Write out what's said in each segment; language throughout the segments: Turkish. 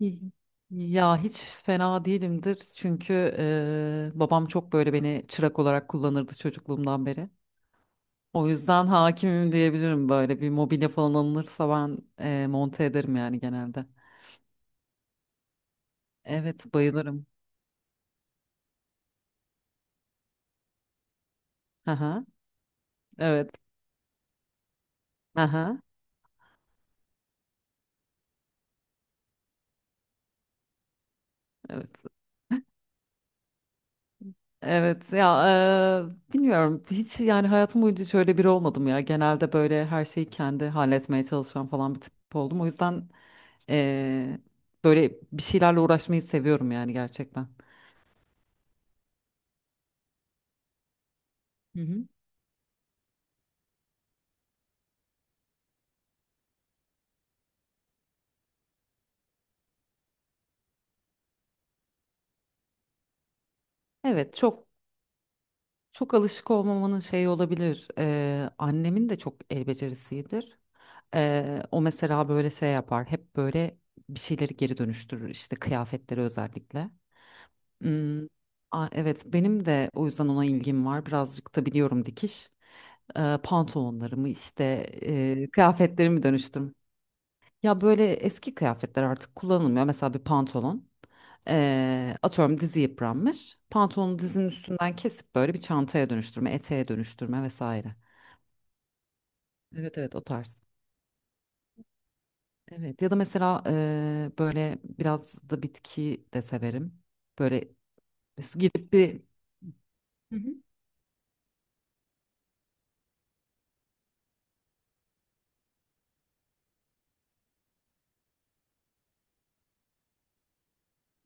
Y- Ya hiç fena değilimdir çünkü babam çok böyle beni çırak olarak kullanırdı çocukluğumdan beri. O yüzden hakimim diyebilirim böyle bir mobilya falan alınırsa ben monte ederim yani genelde. Evet bayılırım. Aha, evet. Aha, evet. Evet ya, bilmiyorum hiç yani hayatım boyunca hiç öyle biri olmadım ya. Genelde böyle her şeyi kendi halletmeye çalışan falan bir tip oldum. O yüzden e, böyle bir şeylerle uğraşmayı seviyorum yani gerçekten. Hı hı. Evet, çok alışık olmamanın şeyi olabilir. Annemin de çok el becerisidir. O mesela böyle şey yapar. Hep böyle bir şeyleri geri dönüştürür işte, kıyafetleri özellikle. Hmm, evet benim de o yüzden ona ilgim var. Birazcık da biliyorum dikiş. Pantolonlarımı işte, kıyafetlerimi dönüştürme. Ya böyle eski kıyafetler artık kullanılmıyor. Mesela bir pantolon. Atıyorum dizi yıpranmış. Pantolonu dizinin üstünden kesip böyle bir çantaya dönüştürme, eteğe dönüştürme vesaire. Evet evet, o tarz. Evet ya da mesela böyle biraz da bitki de severim. Böyle gidip bir. Hı hı.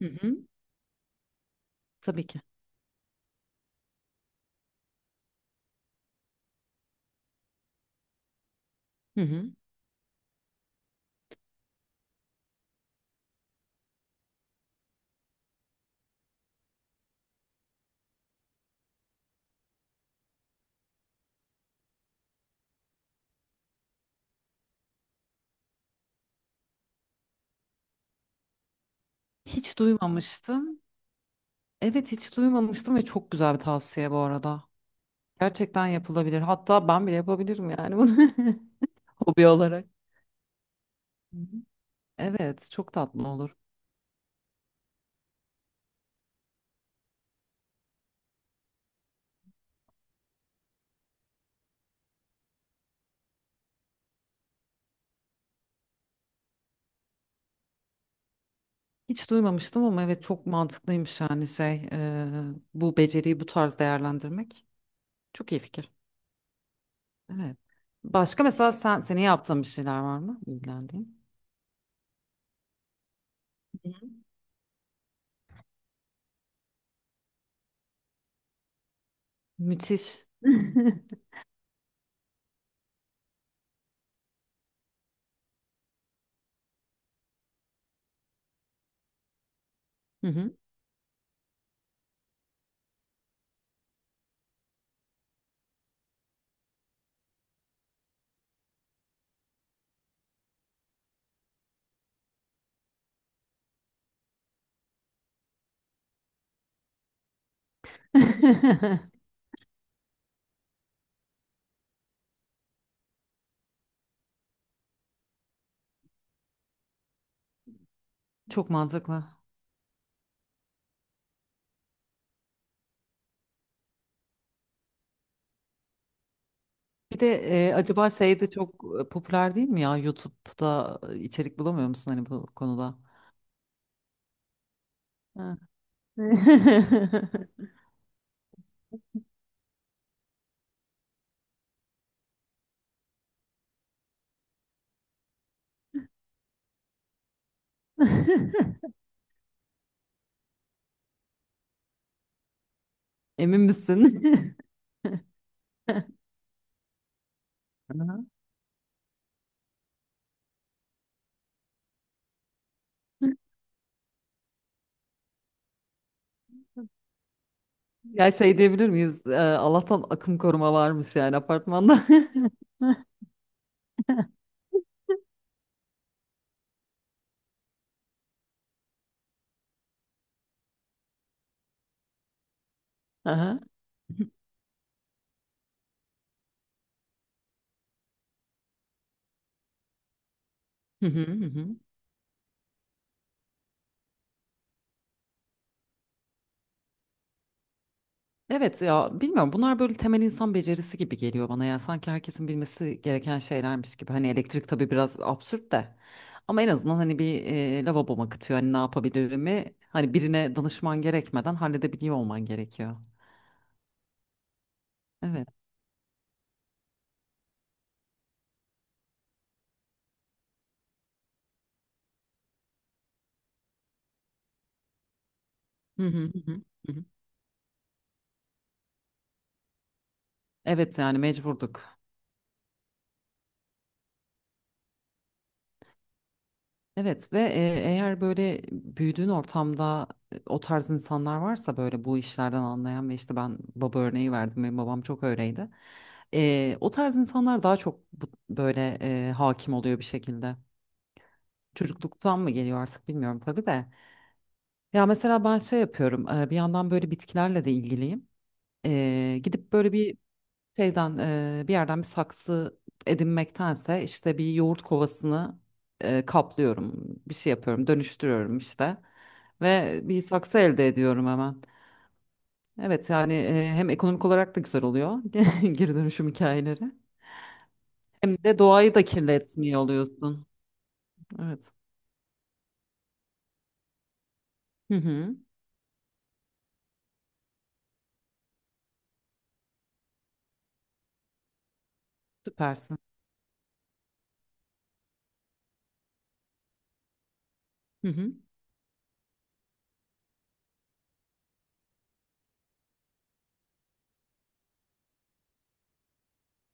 Hı hı, tabii ki. Hı hı. Hiç duymamıştım. Evet hiç duymamıştım ve çok güzel bir tavsiye bu arada. Gerçekten yapılabilir. Hatta ben bile yapabilirim yani bunu hobi olarak. Evet, çok tatlı olur. Hiç duymamıştım ama evet çok mantıklıymış yani şey, bu beceriyi bu tarz değerlendirmek. Çok iyi fikir. Evet. Başka mesela sen seni yaptığın bir şeyler var mı ilgilendiğin? Hı. Müthiş. Hı hı. Çok mantıklı. Bir de, acaba şey de çok popüler değil mi ya? YouTube'da içerik bulamıyor musun hani bu konuda? Ha. Emin misin? Aha. Ya şey diyebilir miyiz? Allah'tan akım koruma varmış yani apartmanda. Aha. Hı hı, hı hı. Evet ya bilmiyorum, bunlar böyle temel insan becerisi gibi geliyor bana ya, sanki herkesin bilmesi gereken şeylermiş gibi. Hani elektrik tabii biraz absürt de, ama en azından hani bir, lavaboma kıtıyor hani ne yapabilirimi, hani birine danışman gerekmeden halledebiliyor olman gerekiyor. Evet. Hı hı, hı hı, hı. Evet yani mecburduk. Evet ve, eğer böyle büyüdüğün ortamda o tarz insanlar varsa böyle, bu işlerden anlayan, ve işte ben baba örneği verdim, benim babam çok öyleydi. E, o tarz insanlar daha çok böyle hakim oluyor bir şekilde. Çocukluktan mı geliyor artık bilmiyorum tabii de. Ya mesela ben şey yapıyorum, bir yandan böyle bitkilerle de ilgiliyim. E, gidip böyle bir şeyden, bir yerden bir saksı edinmektense işte bir yoğurt kovasını kaplıyorum. Bir şey yapıyorum, dönüştürüyorum işte. Ve bir saksı elde ediyorum hemen. Evet yani, hem ekonomik olarak da güzel oluyor geri dönüşüm hikayeleri. Hem de doğayı da kirletmiyor oluyorsun. Evet. Hı hı. Süpersin. Hı hı.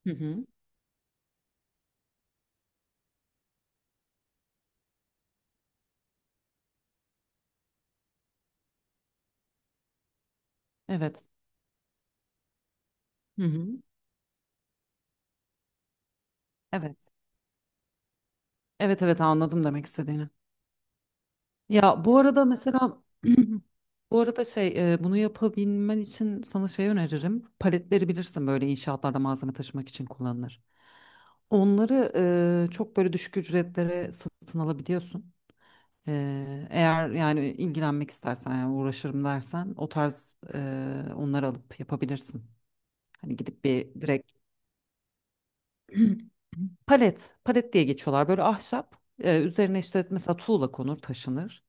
Hı hı. Evet. Hı hı. Evet. Evet evet, anladım demek istediğini. Ya bu arada mesela bu arada şey, bunu yapabilmen için sana şey öneririm. Paletleri bilirsin, böyle inşaatlarda malzeme taşımak için kullanılır. Onları çok böyle düşük ücretlere satın alabiliyorsun. E, eğer yani ilgilenmek istersen, yani uğraşırım dersen o tarz, onları alıp yapabilirsin. Hani gidip bir direkt, palet palet diye geçiyorlar, böyle ahşap, üzerine işte mesela tuğla konur taşınır.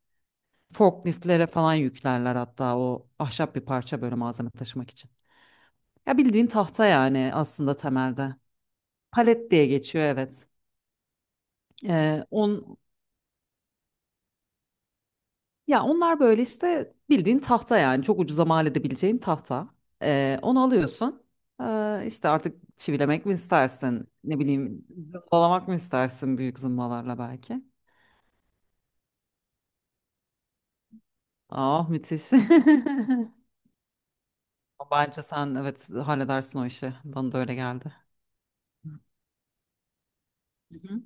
Forkliftlere falan yüklerler hatta, o ahşap bir parça böyle malzeme taşımak için. Ya bildiğin tahta yani aslında temelde. Palet diye geçiyor, evet. Ee, on, ya onlar böyle işte bildiğin tahta yani, çok ucuza mal edebileceğin tahta. Onu alıyorsun. İşte artık çivilemek mi istersin? Ne bileyim, zımbalamak mı istersin büyük zımbalarla belki? Ah, müthiş. Bence sen, evet, halledersin o işi. Bana da öyle geldi. Hı hı.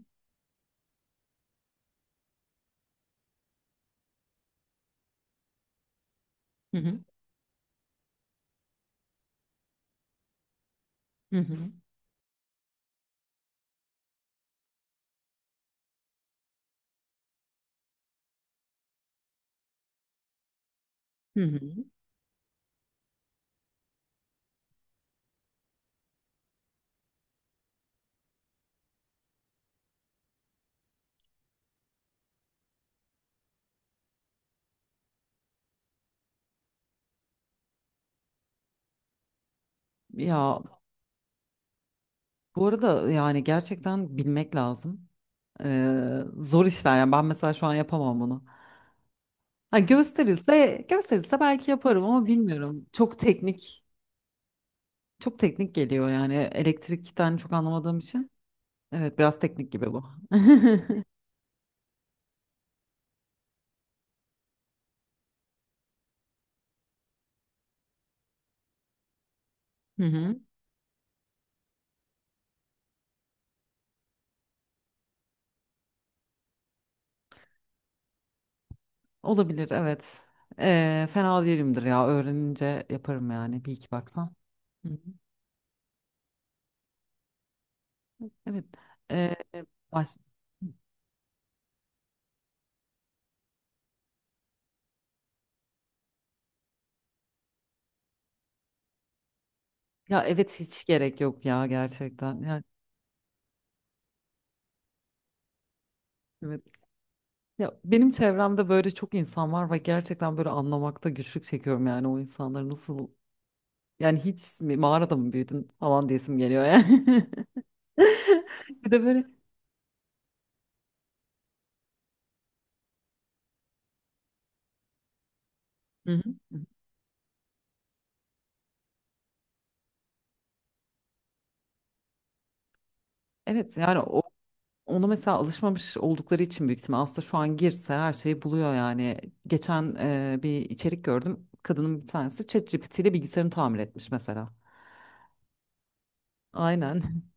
Hı hı. Hı hı. Hı hı. Ya bu arada yani gerçekten bilmek lazım. Zor işler yani, ben mesela şu an yapamam bunu. Ha, gösterilse belki yaparım ama bilmiyorum. Çok teknik, çok teknik geliyor yani, elektrikten çok anlamadığım için. Evet biraz teknik gibi bu. Hı hı. Olabilir evet. Fena değilimdir ya, öğrenince yaparım yani bir iki baksam. Hı hı. Evet. Ee, baş... Ya evet hiç gerek yok ya gerçekten. Yani, evet. Ya benim çevremde böyle çok insan var ve gerçekten böyle anlamakta güçlük çekiyorum yani o insanları nasıl, yani hiç mi, mağarada mı büyüdün falan diyesim geliyor yani. Bir de böyle. Hı hı. Evet yani o, onu mesela alışmamış oldukları için büyük ihtimal, aslında şu an girse her şeyi buluyor yani. Geçen bir içerik gördüm. Kadının bir tanesi ChatGPT ile bilgisayarını tamir etmiş mesela. Aynen.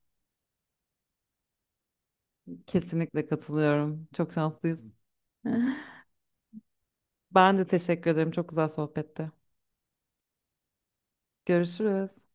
Kesinlikle katılıyorum. Çok şanslıyız. Ben de teşekkür ederim. Çok güzel sohbette. Görüşürüz.